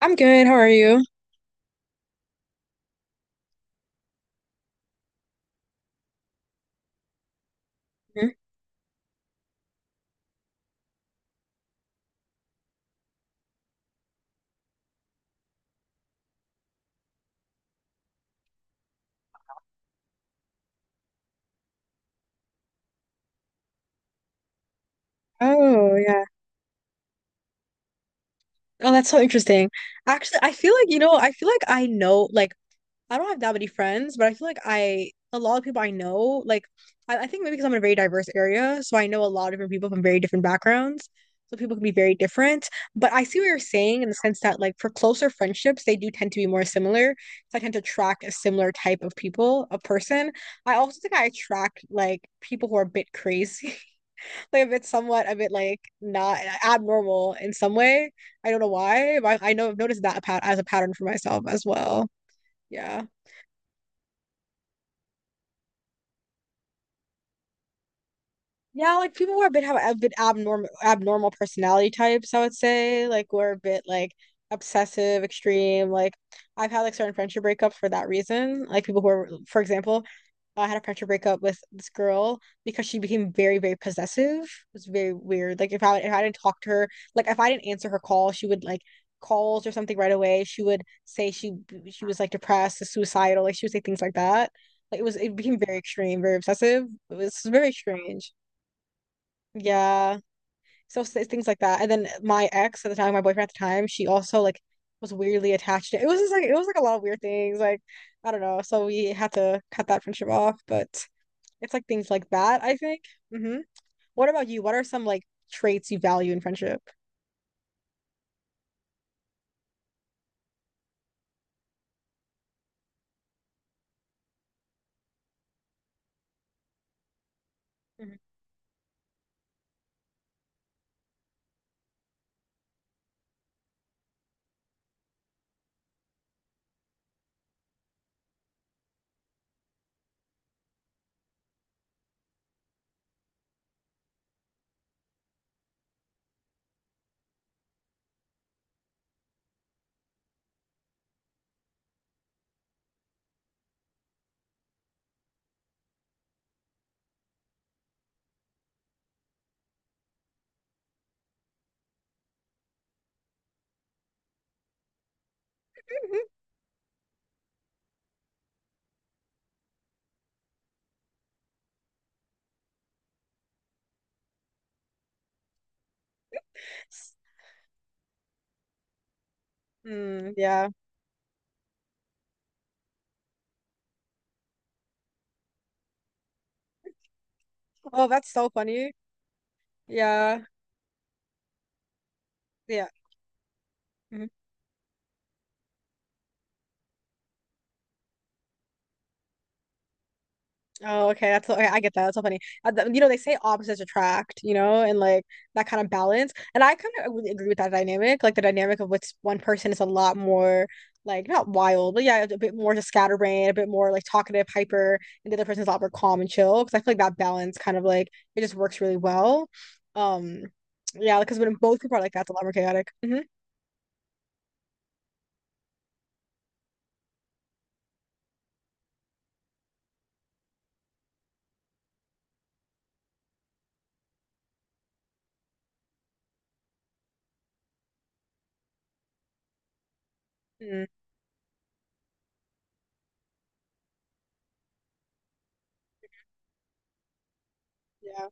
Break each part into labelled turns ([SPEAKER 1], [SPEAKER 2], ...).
[SPEAKER 1] I'm good. How are you? Hmm? Oh, yeah. Oh, that's so interesting. Actually, I feel like, I feel like I know, I don't have that many friends, but I feel like a lot of people I know, I think maybe because I'm in a very diverse area, so I know a lot of different people from very different backgrounds. So people can be very different. But I see what you're saying in the sense that, like, for closer friendships, they do tend to be more similar. So I tend to attract a similar type of people, a person. I also think I attract, like, people who are a bit crazy. Like a bit somewhat a bit like not abnormal in some way. I don't know why, but I know I've noticed that pat as a pattern for myself as well. Yeah. Yeah, like people who are a bit have a bit abnormal personality types, I would say. Like we're a bit like obsessive, extreme. Like I've had like certain friendship breakups for that reason. Like people who are, for example, I had a friendship breakup with this girl because she became very, very possessive. It was very weird. Like if I didn't talk to her, like if I didn't answer her call, she would like calls or something right away. She would say she was like depressed, suicidal. Like she would say things like that. Like it became very extreme, very obsessive. It was very strange. Yeah. Things like that. And then my ex at the time, my boyfriend at the time, she also like was weirdly attached to it. It was just like it was like a lot of weird things. Like, I don't know. So we had to cut that friendship off. But it's like things like that, I think. Hmm What about you? What are some like traits you value in friendship? Mhm. Mm, yeah. Oh, that's so funny. Yeah. Yeah. Mhm. Oh, okay. That's so, okay. I get that. That's so funny. You know, they say opposites attract, you know, and like that kind of balance. And I kind of agree with that dynamic. Like the dynamic of what's one person is a lot more like not wild, but yeah, a bit more just scatterbrained, a bit more like talkative, hyper, and the other person's a lot more calm and chill. Because I feel like that balance kind of like it just works really well. Um, yeah, because when both people are like that, it's a lot more chaotic. Hmm mm Yeah.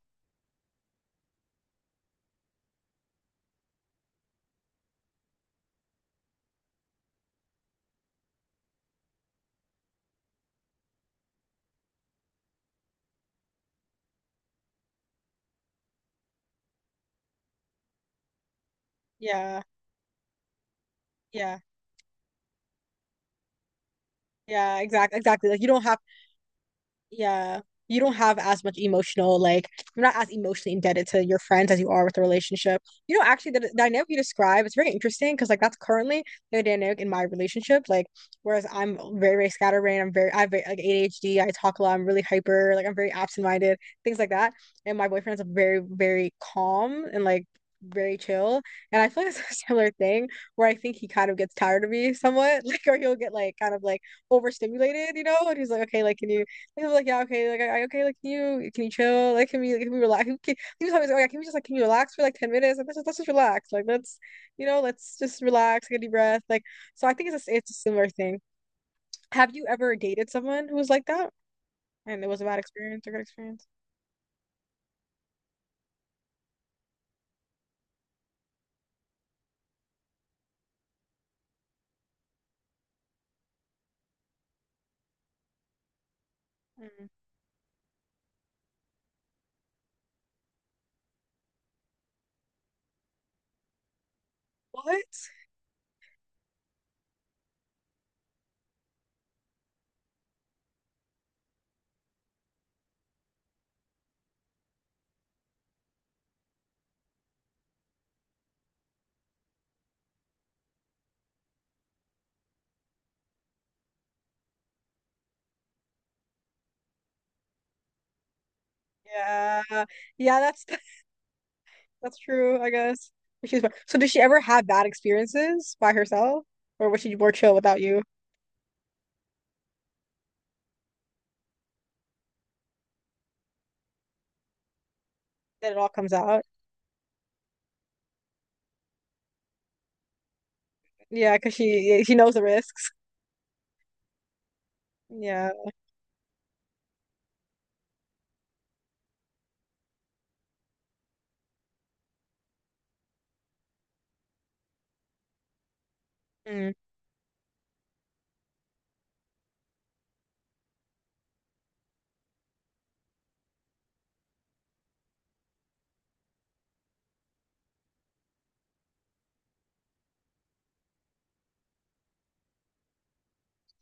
[SPEAKER 1] Yeah. Yeah. Yeah. Exactly. Exactly. Like you don't have. Yeah. You don't have as much emotional, like, you're not as emotionally indebted to your friends as you are with the relationship. You know, actually, the dynamic you describe is very interesting because, like, that's currently the dynamic in my relationship. Like, whereas I'm very, very scatterbrained, I have very, like ADHD, I talk a lot, I'm really hyper, like, I'm very absent-minded, things like that. And my boyfriend's very, very calm and, like, very chill. And I feel like it's a similar thing where I think he kind of gets tired of me somewhat, like, or he'll get, like, kind of, like, overstimulated, you know? And he's like, okay, like, can you he was like, yeah, okay, okay, like, can you chill? Like, like, can we relax? He was always like, oh, yeah, can we just, like, can you relax for, like, 10 minutes? Like, let's just relax. Like, let's, you know, let's just relax, get a deep breath. Like, so I think it's a similar thing. Have you ever dated someone who was like that? And it was a bad experience or good experience? Mm. What? Yeah. Yeah, that's, that's true, I guess. But she was- So did she ever have bad experiences by herself? Or was she more chill without you? Then it all comes out. Yeah, because yeah, she knows the risks. Yeah. Mm.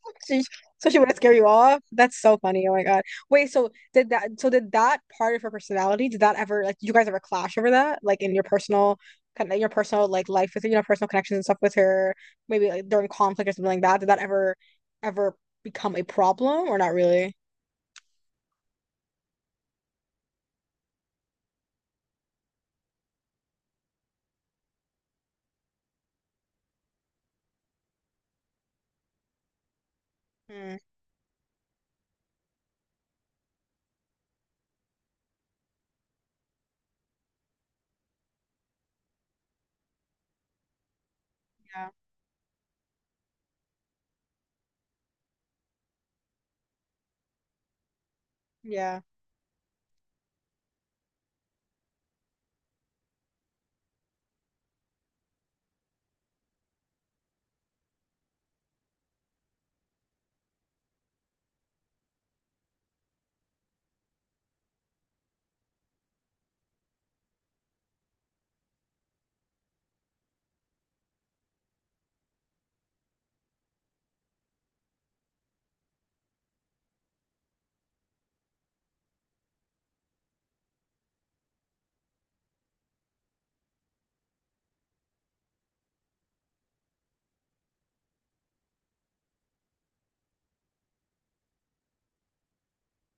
[SPEAKER 1] So she, so she would scare you off. That's so funny. Oh my God. Wait, so did that part of her personality, did that ever like did you guys ever clash over that? Like in your personal kind of your personal like life with her, you know, personal connections and stuff with her, maybe like during conflict or something like that. Did that ever become a problem or not really? Mm, yeah. Yeah.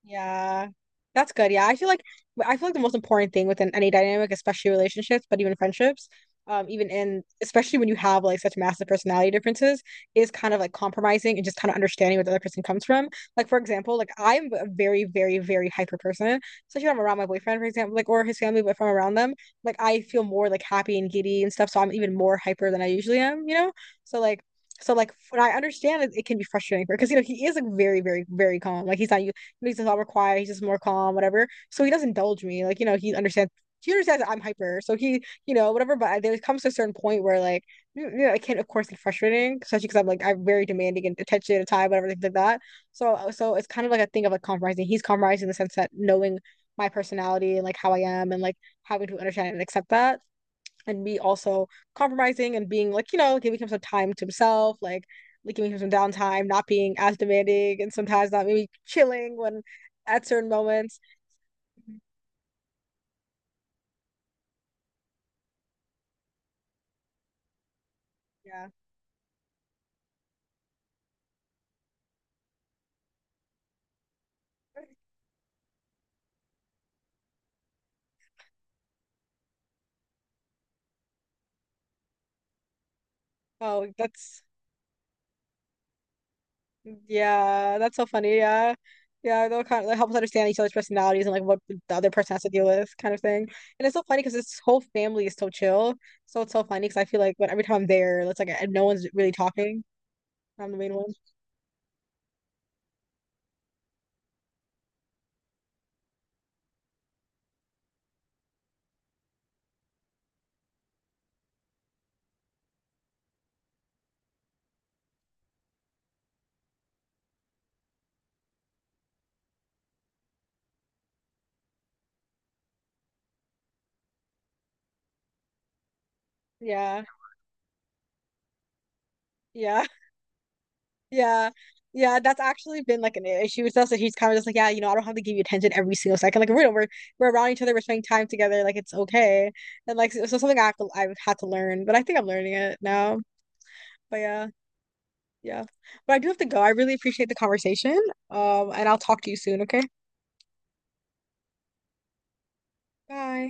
[SPEAKER 1] Yeah, that's good. Yeah, I feel like the most important thing within any dynamic, especially relationships, but even friendships, even in especially when you have like such massive personality differences, is kind of like compromising and just kind of understanding where the other person comes from. Like for example, like I'm a very, very, very hyper person, especially when I'm around my boyfriend, for example, like or his family, but if I'm around them, like I feel more like happy and giddy and stuff. So I'm even more hyper than I usually am, you know? So like. So like when I understand it, it can be frustrating for because you know he is like very very very calm like he's not makes us all more quiet. He's just more calm, whatever. So he doesn't indulge me. Like, you know, he understands that I'm hyper. So he, you know, whatever. But there comes to a certain point where like, you know, it can of course get frustrating, especially because I'm very demanding and attention at a time, whatever things like that. So it's kind of like a thing of like compromising. He's compromising in the sense that knowing my personality and like how I am and like having to understand and accept that and me also compromising and being like, you know, giving him some time to himself, like giving him some downtime, not being as demanding and sometimes not maybe chilling when at certain moments. Yeah. Oh, that's Yeah, that's so funny. Yeah. Yeah, that kind of like helps understand each other's personalities and like what the other person has to deal with, kind of thing. And it's so funny because this whole family is so chill. So it's so funny because I feel like when every time I'm there, it's like no one's really talking. I'm the main one. Yeah, yeah. Yeah. Yeah, that's actually been like an issue with us. That he's kind of just like, yeah, you know, I don't have to give you attention every single second. Like, we're around each other, we're spending time together. Like, it's okay. And like, so something I have to I've had to learn, but I think I'm learning it now. But yeah, yeah. But I do have to go. I really appreciate the conversation. And I'll talk to you soon. Okay, bye.